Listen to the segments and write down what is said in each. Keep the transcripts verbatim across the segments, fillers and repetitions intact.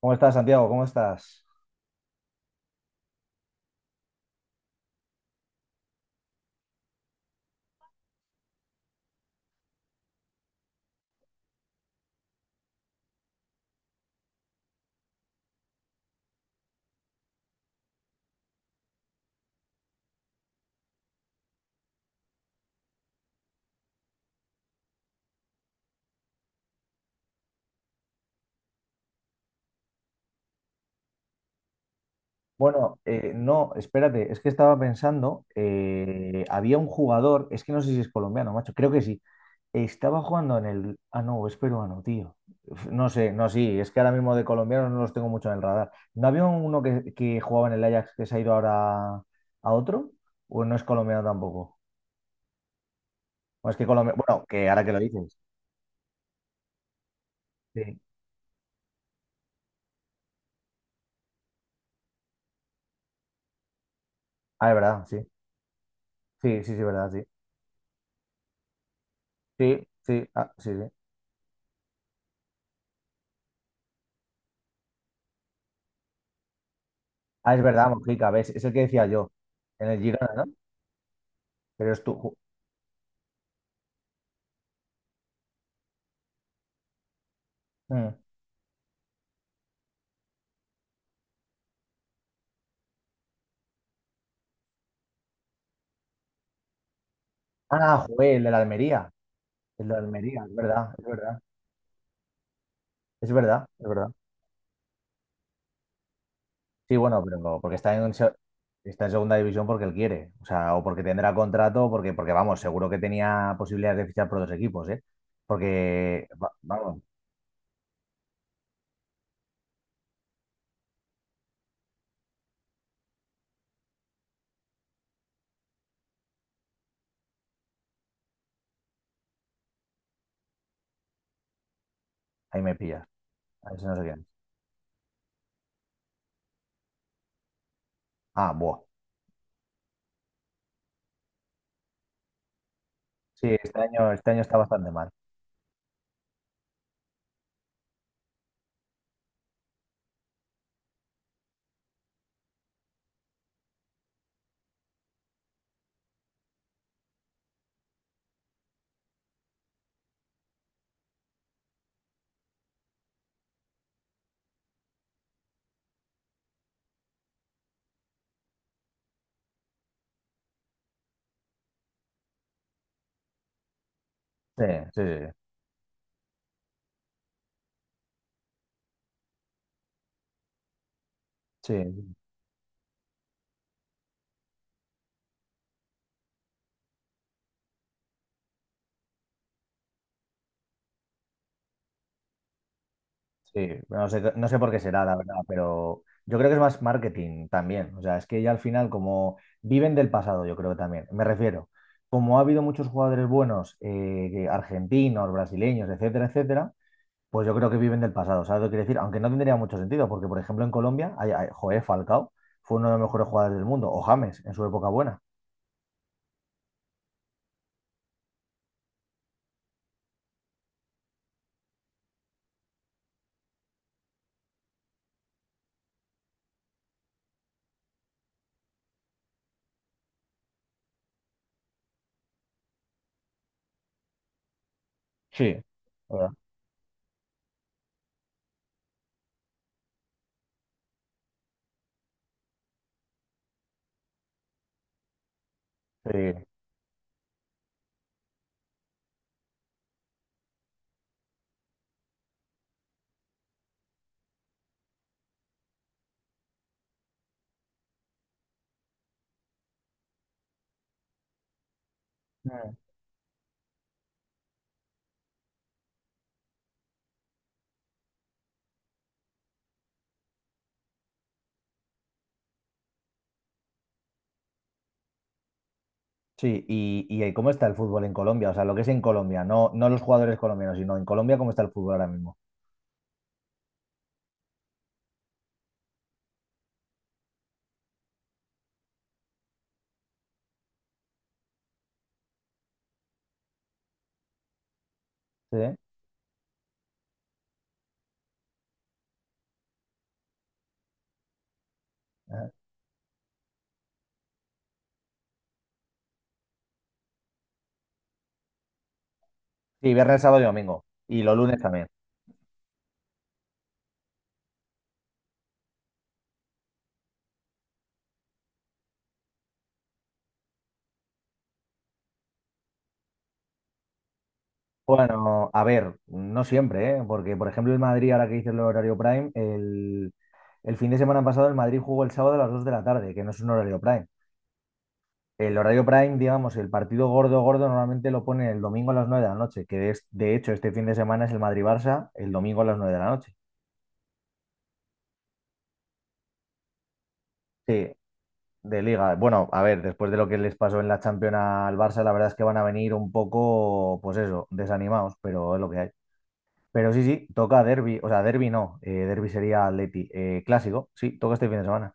¿Cómo estás, Santiago? ¿Cómo estás? Bueno, eh, no, espérate, es que estaba pensando, eh, había un jugador, es que no sé si es colombiano, macho, creo que sí, estaba jugando en el. Ah, no, es peruano, tío. Uf, no sé, no, sí, es que ahora mismo de colombianos no los tengo mucho en el radar. ¿No había uno que, que jugaba en el Ajax que se ha ido ahora a otro? ¿O no es colombiano tampoco? O es que Colombia. Bueno, que ahora que lo dices. Sí. Ah, es verdad, sí. Sí, sí, sí, verdad, sí. Sí, sí, ah, sí, sí. Ah, es verdad, Mojica, ves, es el que decía yo, en el Girona, ¿no? Pero es tú. Mm. Ah, jugué el de la Almería, el de la Almería, es verdad, es verdad, es verdad, es verdad. Sí, bueno, pero no, porque está en, se- está en segunda división porque él quiere, o sea, o porque tendrá contrato, o porque, porque vamos, seguro que tenía posibilidades de fichar por dos equipos, ¿eh? Porque, va- vamos, ahí me pillas, ahí se no sé quién. Ah, buah. Sí, este año, este año está bastante mal. Sí, sí, sí. Sí, sí. Sí, no sé, no sé por qué será, la verdad, pero yo creo que es más marketing también. O sea, es que ya al final, como viven del pasado, yo creo que también. Me refiero, como ha habido muchos jugadores buenos, eh, que- argentinos, brasileños, etcétera, etcétera, pues yo creo que viven del pasado. ¿Sabes lo que quiero decir? Aunque no tendría mucho sentido, porque por ejemplo en Colombia, hay, hay- joder, Falcao fue uno de los mejores jugadores del mundo, o James en su época buena. Sí. ¿Verdad? Sí. Sí, y, y ¿cómo está el fútbol en Colombia? O sea, lo que es en Colombia, no, no los jugadores colombianos, sino en Colombia, ¿cómo está el fútbol ahora mismo? Sí, sí, viernes, sábado y domingo. Y los lunes también. Bueno, a ver, no siempre, ¿eh? Porque, por ejemplo, el Madrid, ahora que dices el horario prime, el, el fin de semana pasado el Madrid jugó el sábado a las dos de la tarde, que no es un horario prime. El horario prime, digamos, el partido gordo, gordo, normalmente lo pone el domingo a las nueve de la noche, que es, de hecho, este fin de semana es el Madrid-Barça, el domingo a las nueve de la noche. Sí, de liga. Bueno, a ver, después de lo que les pasó en la Champions al Barça, la verdad es que van a venir un poco, pues eso, desanimados, pero es lo que hay. Pero sí, sí, toca derbi o sea, derbi no, eh, derby sería Atleti. Eh, clásico, sí, toca este fin de semana.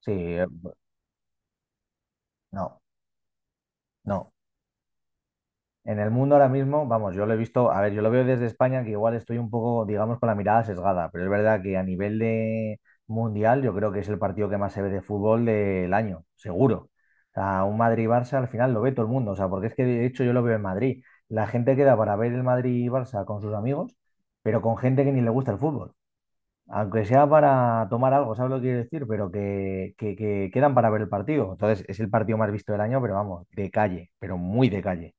Sí, eh, no, no. En el mundo ahora mismo, vamos, yo lo he visto, a ver, yo lo veo desde España, que igual estoy un poco, digamos, con la mirada sesgada, pero es verdad que a nivel de mundial, yo creo que es el partido que más se ve de fútbol del año, seguro. O sea, un Madrid-Barça al final lo ve todo el mundo, o sea, porque es que de hecho yo lo veo en Madrid. La gente queda para ver el Madrid-Barça con sus amigos, pero con gente que ni le gusta el fútbol. Aunque sea para tomar algo, ¿sabes lo que quiero decir? Pero que, que que quedan para ver el partido. Entonces, es el partido más visto del año, pero vamos, de calle, pero muy de calle.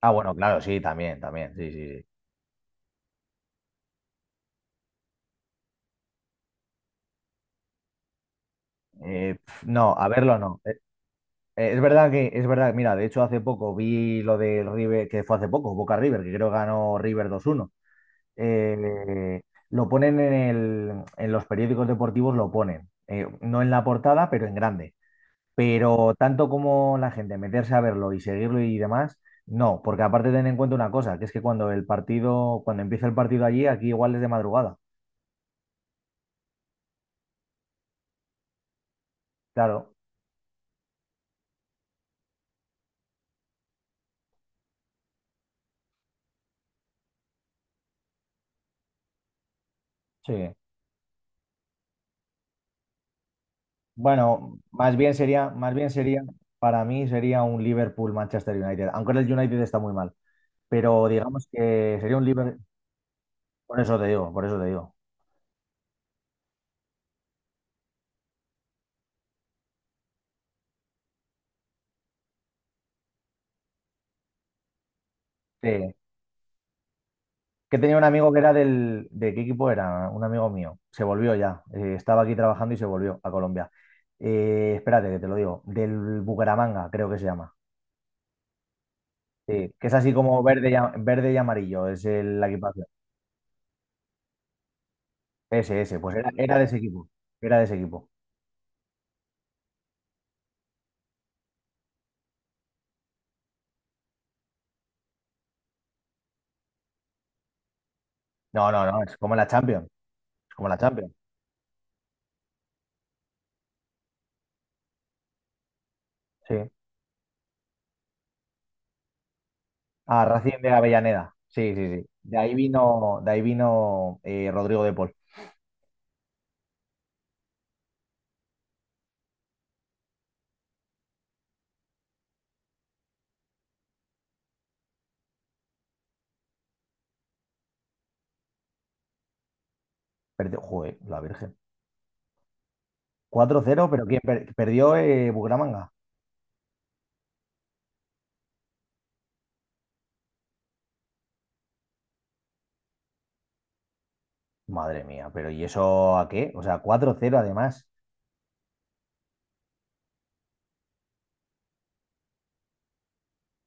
Ah, bueno, claro, sí, también, también, sí, sí. Sí. Eh, pf, no, a verlo no. Eh, eh, es verdad que, es verdad, mira, de hecho hace poco vi lo del River, que fue hace poco, Boca River, que creo que ganó River dos uno. Eh, lo ponen en el, en los periódicos deportivos, lo ponen. Eh, no en la portada, pero en grande. Pero tanto como la gente meterse a verlo y seguirlo y demás, no, porque aparte ten en cuenta una cosa, que es que cuando el partido, cuando empieza el partido allí, aquí igual es de madrugada. Claro, sí. Bueno, más bien sería, más bien sería, para mí sería un Liverpool-Manchester United, aunque el United está muy mal, pero digamos que sería un Liverpool, por eso te digo, por eso te digo. Sí. Que tenía un amigo que era del, ¿de qué equipo era? Un amigo mío, se volvió ya, eh, estaba aquí trabajando y se volvió a Colombia. Eh, espérate, que te lo digo, del Bucaramanga, creo que se llama. Sí, que es así como verde y, a- verde y amarillo, es el- la equipación. Ese, ese, pues era, era de ese equipo, era de ese equipo. No, no, no, es como la Champions, es como la Champions. Sí. Ah, Racing de Avellaneda. Sí, sí, sí. De ahí vino, de ahí vino eh, Rodrigo de Paul. Perdió, joder, la Virgen. Cuatro cero, pero ¿quién per- perdió eh, Bucaramanga? Madre mía, pero ¿y eso a qué? O sea, cuatro cero además.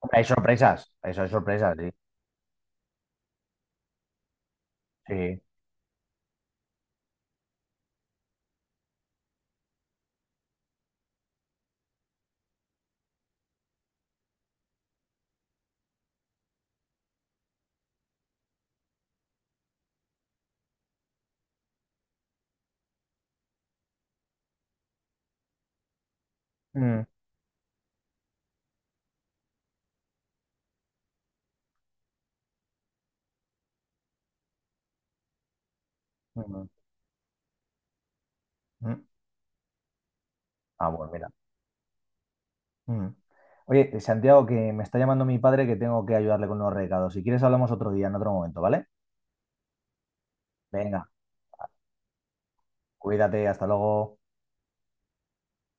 Hombre, hay sorpresas, eso hay sorpresas, sí. Sí. Mm, mm, mm. Ah, bueno, mira. Mm. Oye, Santiago, que me está llamando mi padre que tengo que ayudarle con unos recados. Si quieres, hablamos otro día, en otro momento, ¿vale? Venga, cuídate, hasta luego.